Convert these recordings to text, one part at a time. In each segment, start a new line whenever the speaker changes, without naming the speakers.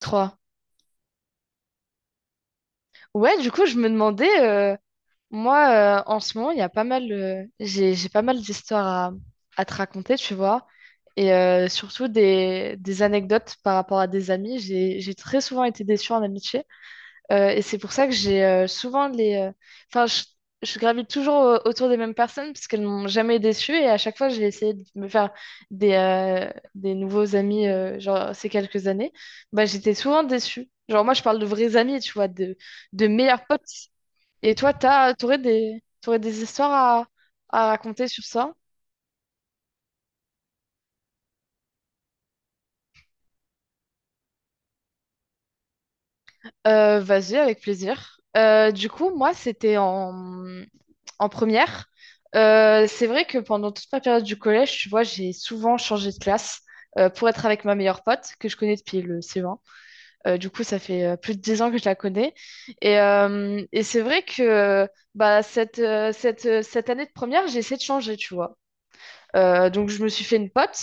Trois. Ouais, du coup, je me demandais, moi, en ce moment, il y a pas mal, j'ai pas mal d'histoires à te raconter, tu vois, et surtout des anecdotes par rapport à des amis. J'ai très souvent été déçue en amitié. Et c'est pour ça que j'ai souvent les. Enfin, je gravite toujours autour des mêmes personnes parce qu'elles m'ont jamais déçue et à chaque fois, j'ai essayé de me faire des nouveaux amis, genre ces quelques années. Bah, j'étais souvent déçue. Genre, moi, je parle de vrais amis, tu vois, de meilleurs potes. Et toi, t'aurais des histoires à raconter sur ça? Vas-y, avec plaisir. Du coup, moi, c'était en première. C'est vrai que pendant toute ma période du collège, tu vois, j'ai souvent changé de classe pour être avec ma meilleure pote que je connais depuis le CE1. Du coup, ça fait plus de 10 ans que je la connais. Et c'est vrai que bah, cette année de première, j'ai essayé de changer, tu vois. Donc, je me suis fait une pote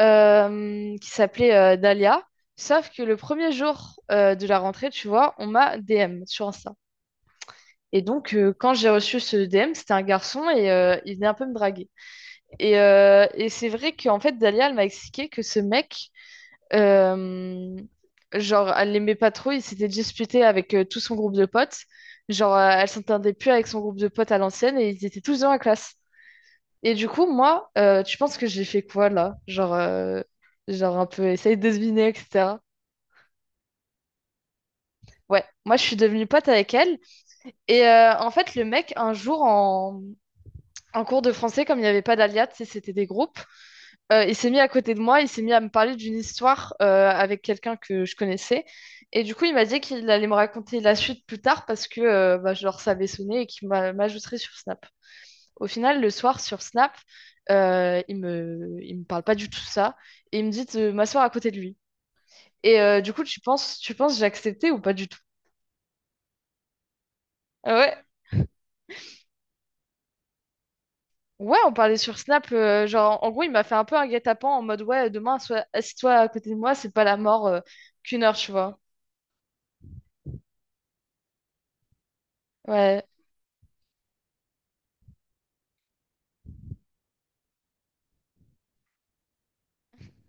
qui s'appelait Dahlia. Sauf que le premier jour de la rentrée, tu vois, on m'a DM sur Insta. Et donc, quand j'ai reçu ce DM, c'était un garçon et il venait un peu me draguer. Et c'est vrai qu'en fait, Dalia, elle m'a expliqué que ce mec, euh, genre, elle l'aimait pas trop, il s'était disputé avec tout son groupe de potes. Genre, elle s'entendait plus avec son groupe de potes à l'ancienne et ils étaient tous dans la classe. Et du coup, moi, tu penses que j'ai fait quoi là? Genre, un peu essayer de deviner, etc. Ouais, moi, je suis devenue pote avec elle. Et en fait, le mec, un jour, en cours de français, comme il n'y avait pas d'alias, tu sais, c'était des groupes. Il s'est mis à côté de moi, il s'est mis à me parler d'une histoire avec quelqu'un que je connaissais. Et du coup, il m'a dit qu'il allait me raconter la suite plus tard parce que bah, je leur savais sonner et qu'il m'ajouterait sur Snap. Au final, le soir, sur Snap, il me parle pas du tout ça et il me dit de m'asseoir à côté de lui. Et du coup, tu penses j'ai accepté ou pas du tout? Ah ouais. Ouais, on parlait sur Snap, genre en gros il m'a fait un peu un guet-apens en mode ouais demain sois assis-toi à côté de moi, c'est pas la mort qu'une heure, tu vois. Ouais,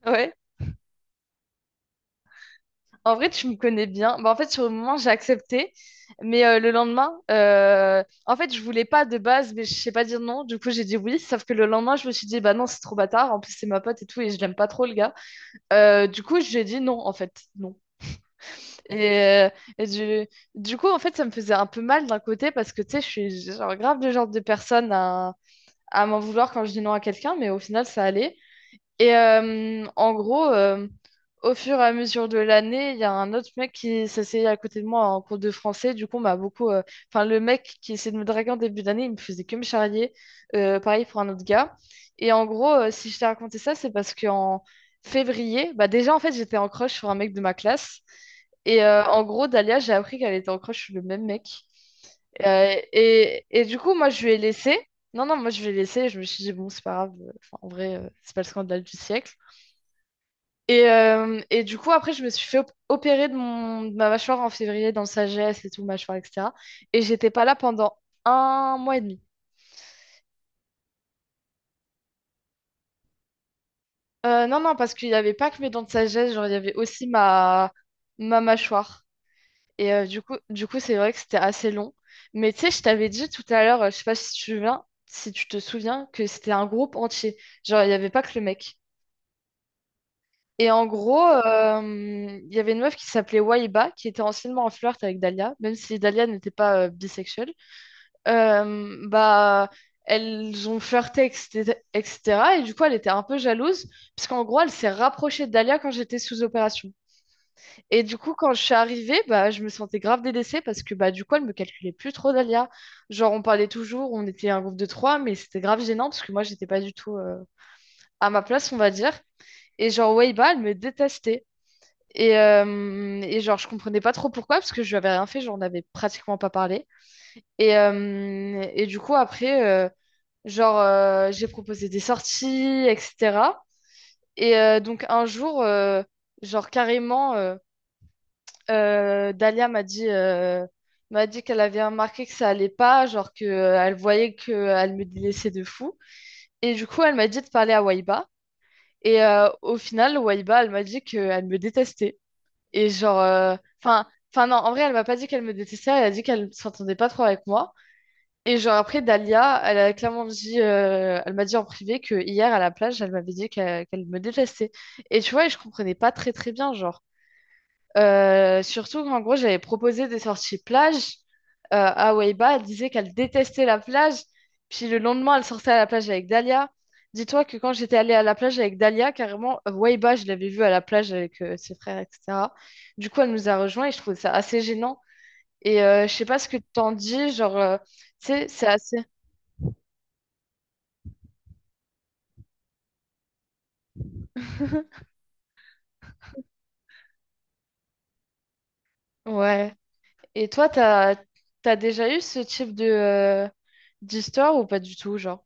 ouais. En vrai tu me connais bien. Bah, en fait sur le moment j'ai accepté, mais le lendemain, en fait je voulais pas de base, mais je sais pas dire non. Du coup j'ai dit oui, sauf que le lendemain je me suis dit bah non c'est trop bâtard, en plus c'est ma pote et tout et je l'aime pas trop le gars. Du coup j'ai dit non en fait, non. Et, euh, et du coup en fait ça me faisait un peu mal d'un côté parce que tu sais je suis genre grave le genre de personne à m'en vouloir quand je dis non à quelqu'un, mais au final, ça allait. Et en gros, au fur et à mesure de l'année, il y a un autre mec qui s'essayait à côté de moi en cours de français. Du coup, on m'a beaucoup. Enfin, le mec qui essayait de me draguer en début d'année, il me faisait que me charrier. Pareil pour un autre gars. Et en gros, si je t'ai raconté ça, c'est parce qu'en février, bah déjà, en fait, j'étais en crush sur un mec de ma classe. Et en gros, Dalia, j'ai appris qu'elle était en crush sur le même mec. Et du coup, moi, je lui ai laissé. Non, non, moi, je lui ai laissé. Je me suis dit, bon, c'est pas grave. Enfin, en vrai, c'est pas le scandale du siècle. Et du coup, après, je me suis fait opérer de ma mâchoire en février, dans le sagesse et tout, mâchoire, etc. Et j'étais pas là pendant un mois et demi. Non, non, parce qu'il y avait pas que mes dents de sagesse, genre, il y avait aussi ma mâchoire. Et du coup, c'est vrai que c'était assez long. Mais tu sais, je t'avais dit tout à l'heure, je sais pas si tu te souviens, que c'était un groupe entier. Genre, il n'y avait pas que le mec. Et en gros, il y avait une meuf qui s'appelait Waiba, qui était anciennement en flirt avec Dahlia, même si Dahlia n'était pas bisexuelle. Bah, elles ont flirté, etc., etc. Et cetera. Et du coup, elle était un peu jalouse, parce qu'en gros, elle s'est rapprochée de Dahlia quand j'étais sous opération. Et du coup, quand je suis arrivée, bah, je me sentais grave délaissée parce que bah, du coup, elle me calculait plus trop, Dalia. Genre, on parlait toujours, on était un groupe de trois, mais c'était grave gênant parce que moi, j'étais pas du tout à ma place, on va dire. Et genre, Weiba, elle me détestait. Et genre, je comprenais pas trop pourquoi parce que je lui avais rien fait, genre, on avait pratiquement pas parlé. Et du coup, après, genre, j'ai proposé des sorties, etc. Et donc, un jour, genre, carrément. Dalia m'a m'a dit qu'elle avait remarqué que ça allait pas, genre que elle voyait que elle me délaissait de fou. Et du coup, elle m'a dit de parler à Waiba. Et au final, Waiba, elle m'a dit qu'elle me détestait. Et genre, enfin, enfin non, en vrai, elle m'a pas dit qu'elle me détestait, elle a dit qu'elle s'entendait pas trop avec moi. Et genre après, Dalia, elle a clairement dit, elle m'a dit en privé que hier à la plage, elle m'avait dit qu'elle me détestait. Et tu vois, je comprenais pas très très bien, genre. Surtout qu'en gros, j'avais proposé des sorties plage. À Weiba, elle disait qu'elle détestait la plage. Puis le lendemain, elle sortait à la plage avec Dalia. Dis-toi que quand j'étais allée à la plage avec Dalia, carrément, Weiba, je l'avais vue à la plage avec ses frères, etc. Du coup, elle nous a rejoints et je trouvais ça assez gênant. Et je sais pas ce que t'en dis, genre, tu sais, c'est assez. Ouais. Et toi, t'as déjà eu ce type d'histoire ou pas du tout, genre?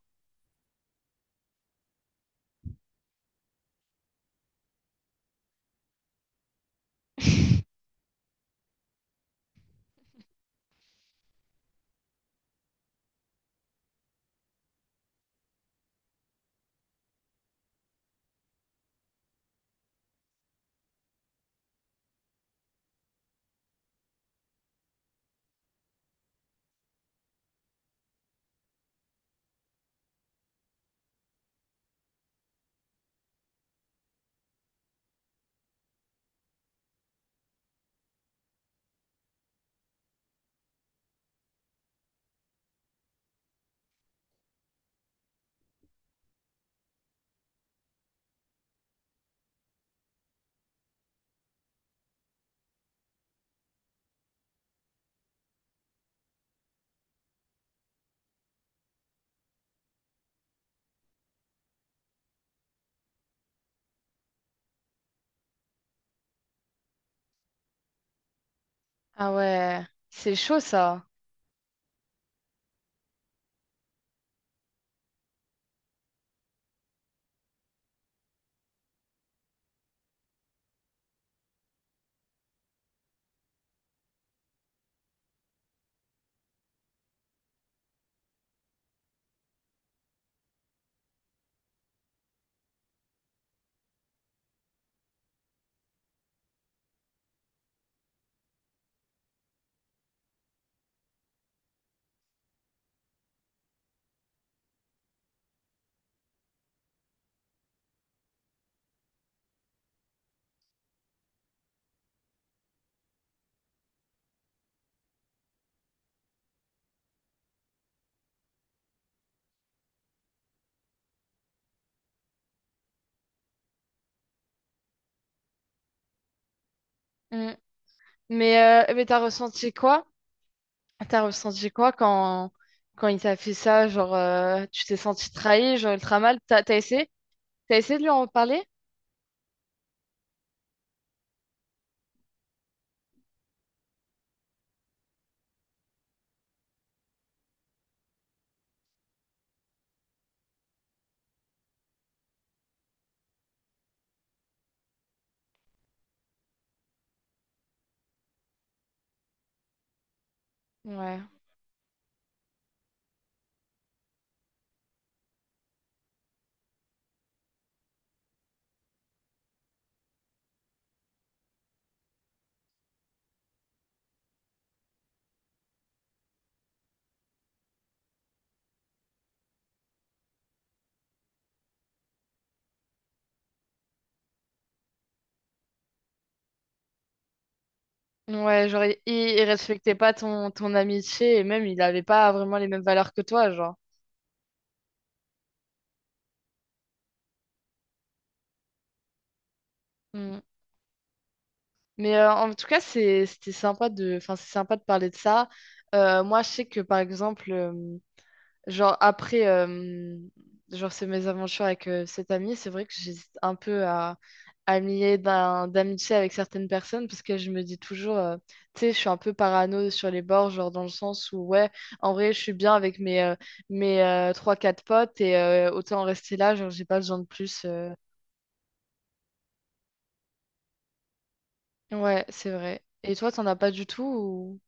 Ah ouais, c'est chaud ça. Mais, mais t'as ressenti quoi? T'as ressenti quoi quand il t'a fait ça? Genre, tu t'es senti trahi, genre ultra mal. T'as essayé? T'as essayé de lui en parler? Ouais. Ouais, genre, il respectait pas ton amitié et même il avait pas vraiment les mêmes valeurs que toi, genre. Hmm. Mais en tout cas, c'était sympa de, enfin, c'est sympa de parler de ça. Moi, je sais que par exemple, genre après, genre ces aventures avec cet ami, c'est vrai que j'hésite un peu à me lier d'amitié avec certaines personnes parce que je me dis toujours, tu sais, je suis un peu parano sur les bords, genre dans le sens où, ouais, en vrai, je suis bien avec mes 3-4 potes et autant en rester là, genre j'ai pas besoin de plus. Ouais, c'est vrai. Et toi, t'en as pas du tout ou...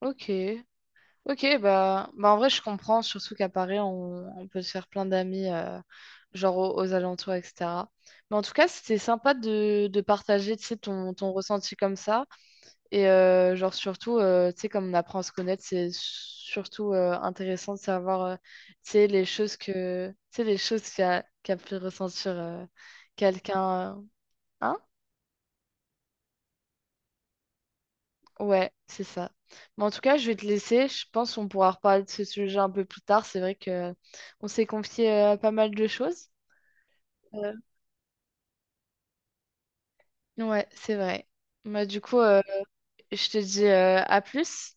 Ok. Ok, bah en vrai, je comprends, surtout qu'à Paris, on peut se faire plein d'amis, genre aux alentours, etc. Mais en tout cas, c'était sympa de partager, tu sais, ton ressenti comme ça. Et genre, surtout, tu sais, comme on apprend à se connaître, c'est surtout intéressant de savoir, tu sais, tu sais, les choses qu'a pu ressentir quelqu'un. Hein. Ouais, c'est ça. Mais en tout cas, je vais te laisser. Je pense qu'on pourra reparler de ce sujet un peu plus tard. C'est vrai que on s'est confié pas mal de choses. Euh, ouais, c'est vrai. Bah, du coup, je te dis à plus.